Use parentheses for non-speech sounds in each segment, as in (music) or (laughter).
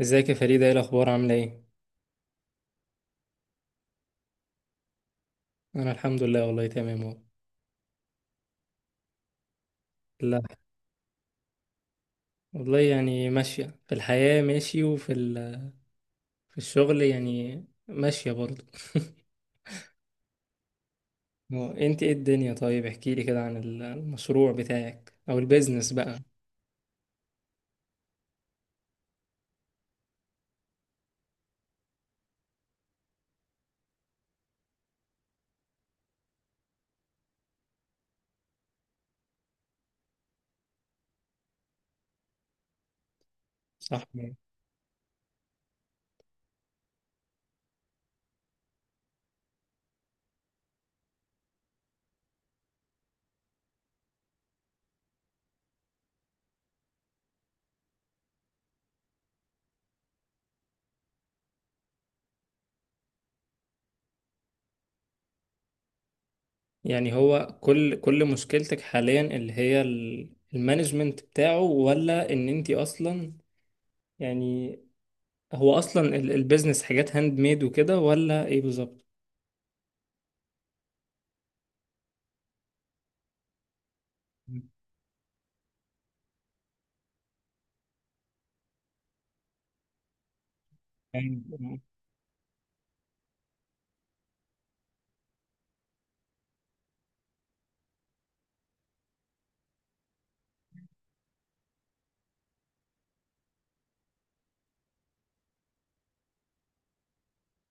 ازيك يا فريدة؟ ايه الاخبار؟ عاملة ايه؟ انا الحمد لله، والله تمام اهو. لا، والله يعني ماشية في الحياة ماشي، وفي في الشغل يعني ماشية برضه. هو انت ايه الدنيا؟ طيب احكي لي كده عن المشروع بتاعك او البيزنس بقى. صح. يعني هو كل مشكلتك حاليا اللي هي المانجمنت بتاعه، ولا ان انت اصلا يعني هو اصلا البيزنس حاجات هاند ميد وكده، ولا ايه بالظبط؟ مم.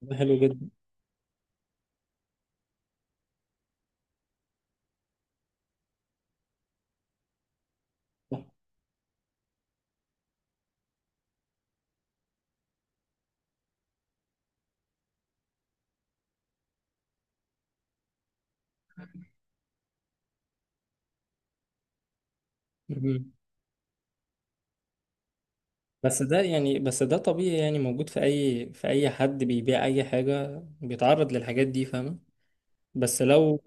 ده حلو جدا. صح. بس ده يعني بس ده طبيعي، يعني موجود في اي حد بيبيع اي حاجة بيتعرض للحاجات دي، فاهمة؟ بس لو...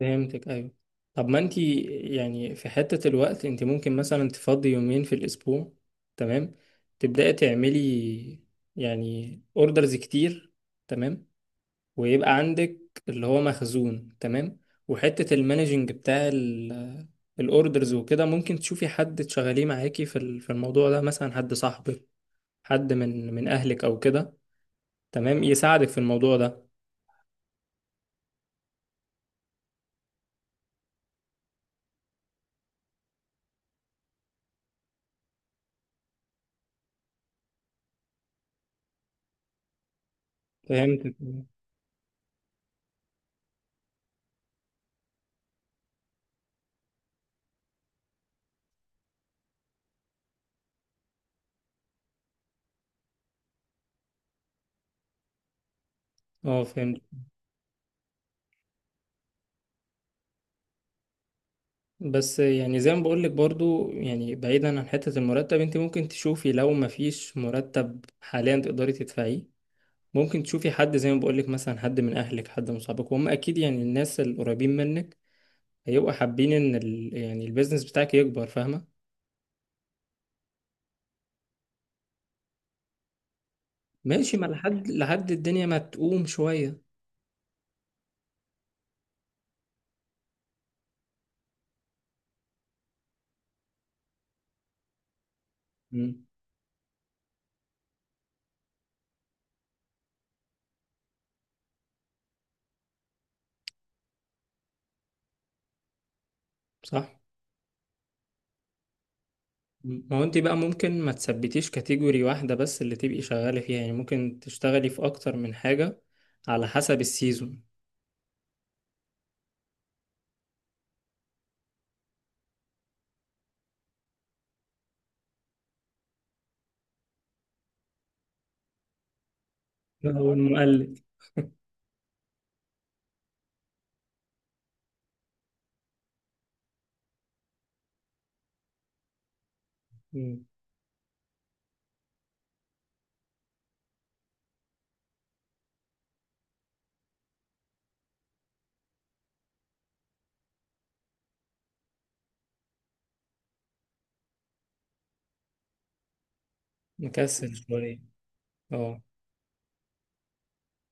فهمتك، ايوه. طب ما انت يعني في حتة الوقت، انت ممكن مثلا تفضي يومين في الاسبوع، تمام، تبدأي تعملي يعني اوردرز كتير، تمام، ويبقى عندك اللي هو مخزون، تمام. وحتة المانجنج بتاع الاوردرز وكده ممكن تشوفي حد تشغليه معاكي في في الموضوع ده، مثلا حد صاحبك، حد من اهلك او كده، تمام، يساعدك في الموضوع ده. فهمت. اه فهمت. بس يعني زي ما بقول لك برضو، يعني بعيدا عن حتة المرتب، انت ممكن تشوفي لو ما فيش مرتب حاليا تقدري تدفعيه، ممكن تشوفي حد زي ما بقول لك، مثلا حد من اهلك، حد من صحابك، وهم اكيد يعني الناس القريبين منك هيبقوا حابين ان يعني البيزنس بتاعك يكبر، فاهمة؟ ماشي. ما لحد الدنيا ما تقوم شوية. مم. صح. ما هو انت بقى ممكن ما تثبتيش كاتيجوري واحدة بس اللي تبقي شغالة فيها، يعني ممكن تشتغلي في أكتر من حاجة على حسب السيزون. أو المقلد. مم. مكسل شوية. اه.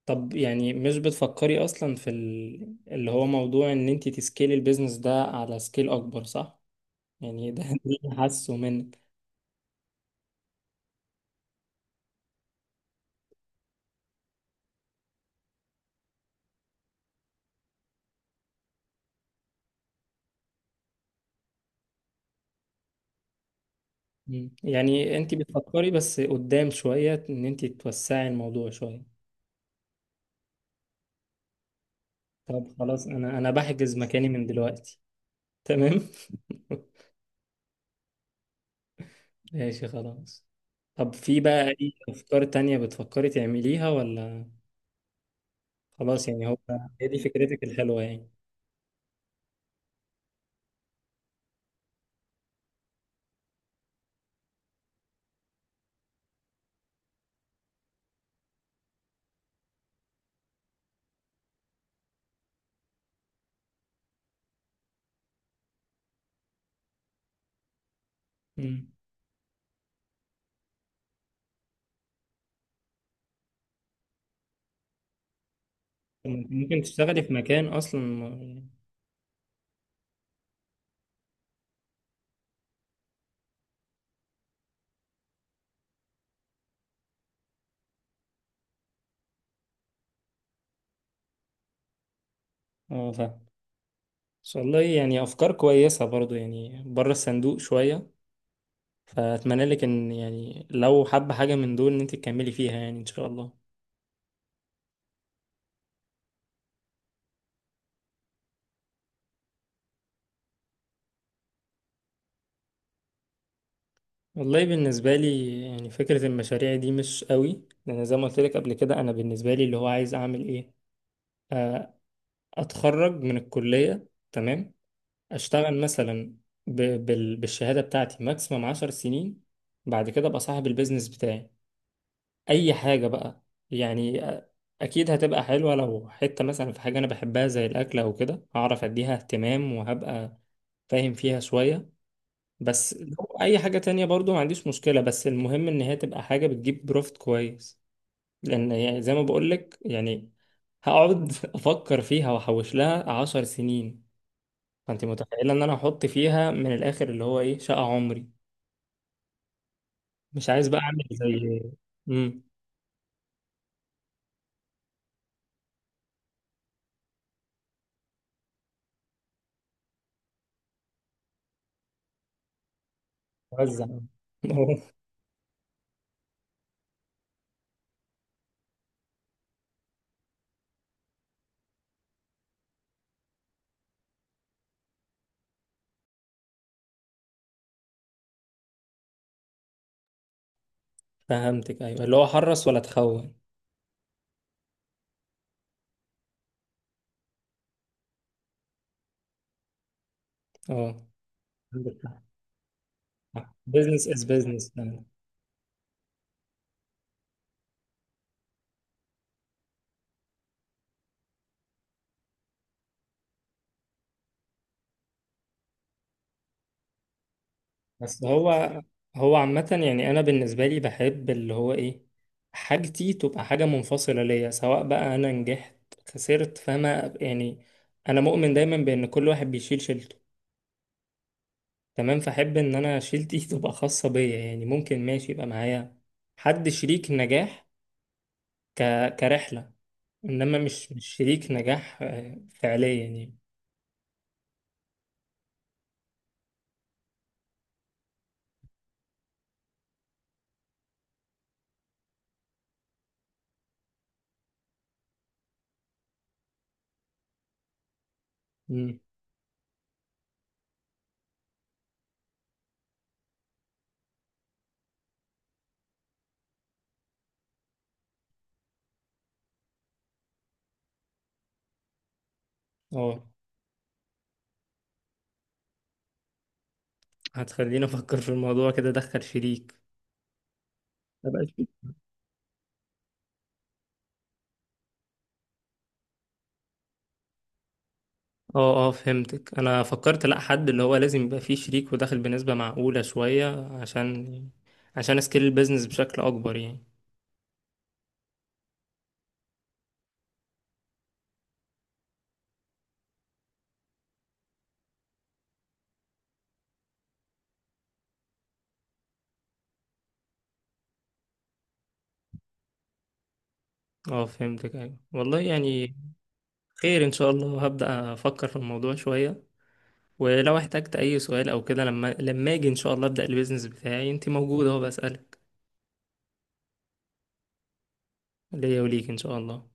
طب يعني مش بتفكري أصلا في اللي هو موضوع إن انت تسكيلي البيزنس ده على سكيل أكبر، صح؟ يعني ده (laughs) ده اللي حاسه منك. مم. يعني انت بتفكري بس قدام شوية إن انت توسعي الموضوع شوية. طب خلاص، أنا بحجز مكاني من دلوقتي. تمام؟ (laughs) ماشي خلاص. طب في بقى أي أفكار تانية بتفكري تعمليها ولا خلاص؟ يعني هو هي دي فكرتك الحلوة يعني. مم. طب ما أنت ممكن تشتغلي في مكان أصلا اه فاهم. إن شاء الله، يعني أفكار كويسة برضو يعني بره الصندوق شوية. فأتمنى لك إن يعني لو حابة حاجة من دول إن أنت تكملي فيها يعني إن شاء الله. والله بالنسبة لي يعني فكرة المشاريع دي مش قوي، لأن زي ما قلت لك قبل كده أنا بالنسبة لي اللي هو عايز أعمل إيه، آه، أتخرج من الكلية، تمام، اشتغل مثلا بالشهاده بتاعتي ماكسيمم 10 سنين، بعد كده ابقى صاحب البيزنس بتاعي، اي حاجه بقى. يعني اكيد هتبقى حلوه، لو حته مثلا في حاجه انا بحبها زي الاكل او كده، هعرف اديها اهتمام وهبقى فاهم فيها شويه. بس لو اي حاجه تانية برضو ما عنديش مشكله، بس المهم ان هي تبقى حاجه بتجيب بروفت كويس. لان يعني زي ما بقولك يعني هقعد (laughs) افكر فيها واحوش لها 10 سنين. فانت متخيله ان انا احط فيها من الاخر اللي هو ايه شقه عمري. مش عايز بقى اعمل زي امم وزع (laughs) فهمتك، ايوه، اللي هو حرص ولا تخون. اه عندك حق، بزنس از بزنس. بس هو عامه، يعني انا بالنسبه لي بحب اللي هو ايه، حاجتي تبقى حاجه منفصله ليا، سواء بقى انا نجحت خسرت، فما يعني انا مؤمن دايما بان كل واحد بيشيل شيلته. تمام. فأحب إن أنا شيلتي (laughs) تبقى خاصة بيا، يعني ممكن ماشي يبقى معايا حد شريك نجاح، ك... كرحلة، إنما مش شريك نجاح فعليا يعني. مم. اه هتخليني أفكر في الموضوع كده أدخل شريك، ابقى شريك. اه اه فهمتك، أنا فكرت لأ حد اللي هو لازم يبقى فيه شريك وداخل بنسبة معقولة شوية عشان أسكيل البيزنس بشكل أكبر يعني. اه فهمتك أيوة والله يعني. خير إن شاء الله، هبدأ أفكر في الموضوع شوية. ولو احتجت اي سؤال او كده، لما اجي ان شاء الله ابدا البيزنس بتاعي انت موجوده اهو بسالك. ليا وليك ان شاء الله